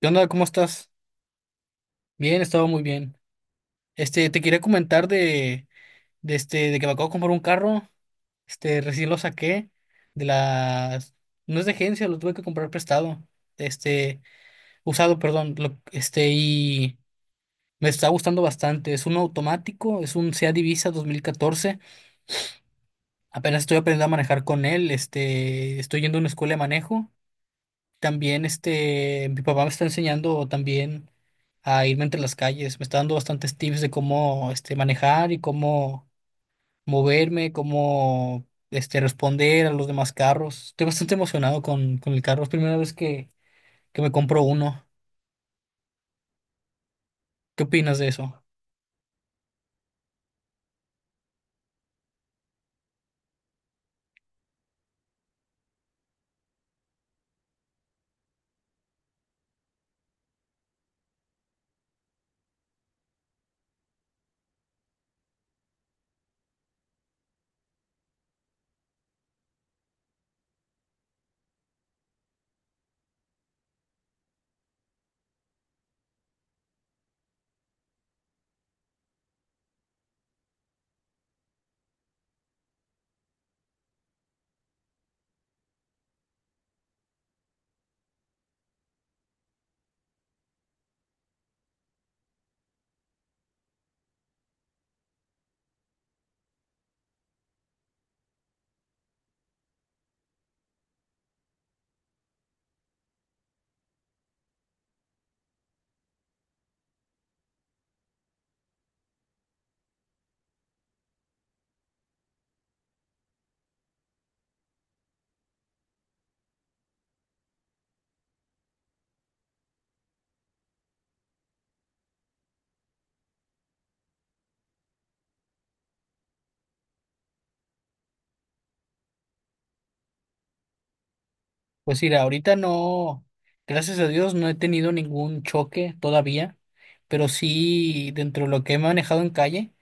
¿Qué onda? ¿Cómo estás? Bien, he estado muy bien. Te quería comentar de que me acabo de comprar un carro. Recién lo saqué de las, no es de agencia, lo tuve que comprar prestado. Este, Usado, perdón. Y me está gustando bastante. Es un automático, es un Seat Ibiza 2014. Apenas estoy aprendiendo a manejar con él. Estoy yendo a una escuela de manejo. También, mi papá me está enseñando también a irme entre las calles. Me está dando bastantes tips de cómo, manejar y cómo moverme, cómo, responder a los demás carros. Estoy bastante emocionado con el carro. Es primera vez que me compro uno. ¿Qué opinas de eso? Pues mira, ahorita no, gracias a Dios no he tenido ningún choque todavía, pero sí, dentro de lo que he manejado en calle,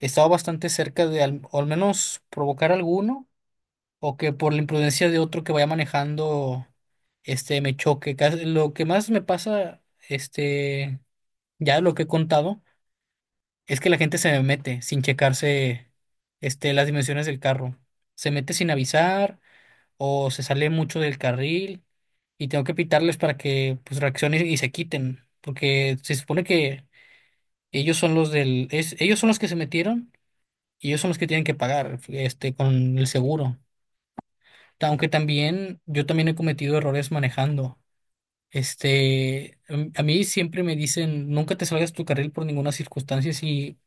he estado bastante cerca de o al menos provocar alguno, o que por la imprudencia de otro que vaya manejando, me choque. Lo que más me pasa, este, ya lo que he contado, es que la gente se me mete sin checarse, las dimensiones del carro. Se mete sin avisar o se sale mucho del carril y tengo que pitarles para que, pues, reaccionen y se quiten, porque se supone que ellos son ellos son los que se metieron y ellos son los que tienen que pagar, con el seguro. Aunque también yo también he cometido errores manejando. A mí siempre me dicen, nunca te salgas tu carril por ninguna circunstancia. Si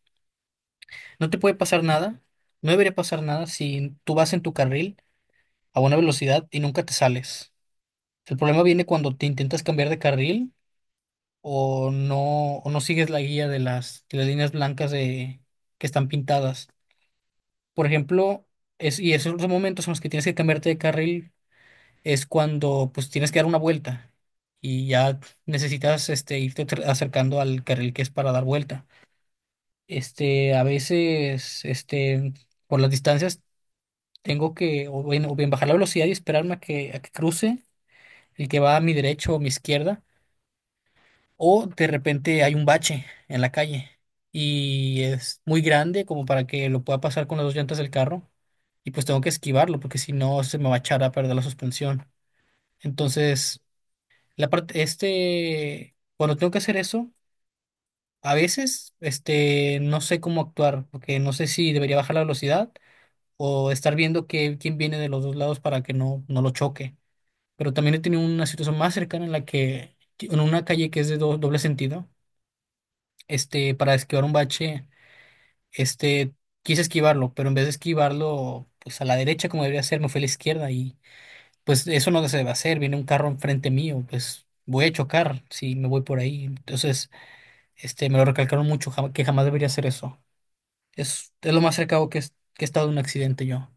no te puede pasar nada, no debería pasar nada si tú vas en tu carril a buena velocidad y nunca te sales. El problema viene cuando te intentas cambiar de carril o no sigues la guía de las líneas blancas de, que están pintadas. Por ejemplo, y esos son los momentos en los que tienes que cambiarte de carril, es cuando pues tienes que dar una vuelta y ya necesitas, acercando al carril que es para dar vuelta. A veces, por las distancias tengo que o bien bajar la velocidad y esperarme a a que cruce el que va a mi derecha o mi izquierda, o de repente hay un bache en la calle y es muy grande como para que lo pueda pasar con las dos llantas del carro y pues tengo que esquivarlo porque si no se me va a echar a perder la suspensión. Entonces, la parte, cuando tengo que hacer eso, a veces, no sé cómo actuar, porque no sé si debería bajar la velocidad o estar viendo quién viene de los dos lados para que no lo choque. Pero también he tenido una situación más cercana en la que, en una calle que es de doble sentido, para esquivar un bache, este, quise esquivarlo, pero en vez de esquivarlo, pues a la derecha como debería ser, me fui a la izquierda y, pues eso no se debe hacer, viene un carro enfrente mío, pues voy a chocar si me voy por ahí. Entonces, me lo recalcaron mucho, que jamás debería hacer eso. Es lo más cercano que he estado de un accidente yo.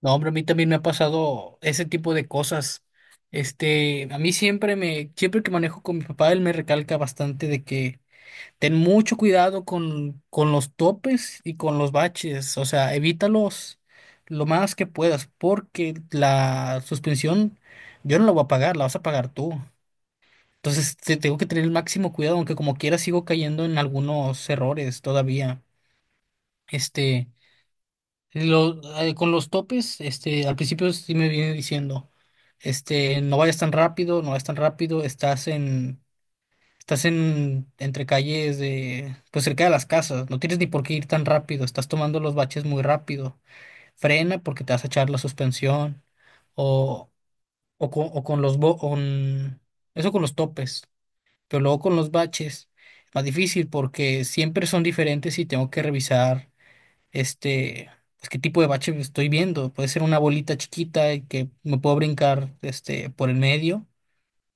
No, hombre, a mí también me ha pasado ese tipo de cosas. A mí siempre me, siempre que manejo con mi papá, él me recalca bastante de que ten mucho cuidado con los topes y con los baches. O sea, evítalos lo más que puedas, porque la suspensión yo no la voy a pagar, la vas a pagar tú. Entonces, tengo que tener el máximo cuidado, aunque como quiera sigo cayendo en algunos errores todavía. Este, con los topes, al principio sí me viene diciendo, no vayas tan rápido, no vayas tan rápido, estás en, entre calles de, pues cerca de las casas, no tienes ni por qué ir tan rápido, estás tomando los baches muy rápido, frena porque te vas a echar la suspensión, o, o con los, eso con los topes. Pero luego con los baches es más difícil porque siempre son diferentes y tengo que revisar, este, pues, qué tipo de bache estoy viendo. Puede ser una bolita chiquita y que me puedo brincar, por el medio,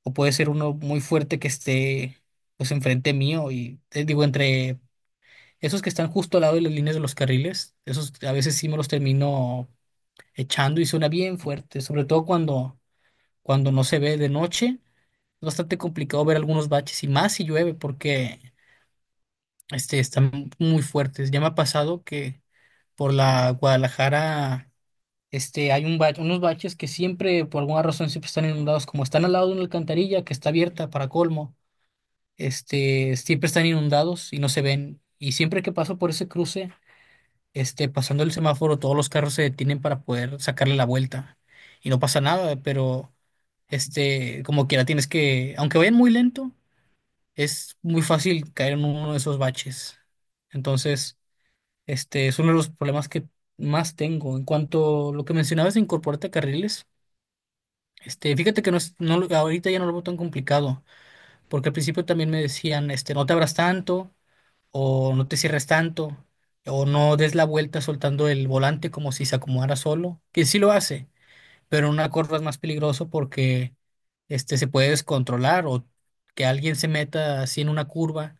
o puede ser uno muy fuerte que esté pues enfrente mío y digo, entre esos que están justo al lado de las líneas de los carriles, esos a veces sí me los termino echando y suena bien fuerte, sobre todo cuando no se ve de noche. Es bastante complicado ver algunos baches y más si llueve porque están muy fuertes. Ya me ha pasado que por la Guadalajara, hay un unos baches que siempre, por alguna razón, siempre están inundados, como están al lado de una alcantarilla que está abierta para colmo, siempre están inundados y no se ven. Y siempre que paso por ese cruce, pasando el semáforo, todos los carros se detienen para poder sacarle la vuelta. Y no pasa nada, pero como quiera, tienes que, aunque vayan muy lento, es muy fácil caer en uno de esos baches. Entonces, este es uno de los problemas que más tengo. En cuanto a lo que mencionabas de incorporarte a carriles, fíjate que no es, no, lo- ahorita ya no lo veo tan complicado, porque al principio también me decían, no te abras tanto, o no te cierres tanto, o no des la vuelta soltando el volante como si se acomodara solo, que sí lo hace, pero en una curva es más peligroso porque, se puede descontrolar o que alguien se meta así en una curva,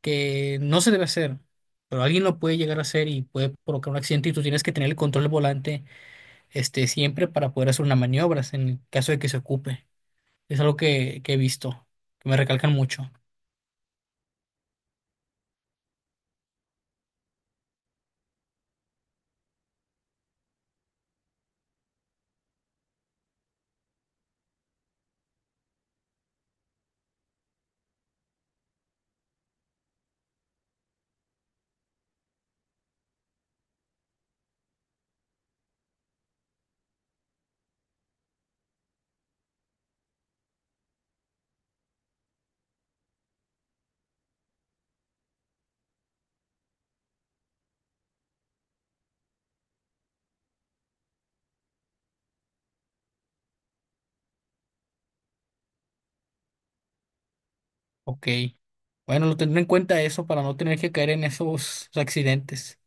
que no se debe hacer, pero alguien lo puede llegar a hacer y puede provocar un accidente, y tú tienes que tener el control del volante, siempre para poder hacer una maniobra en el caso de que se ocupe. Es algo que he visto, que me recalcan mucho. Ok. Bueno, lo tendré en cuenta eso para no tener que caer en esos accidentes.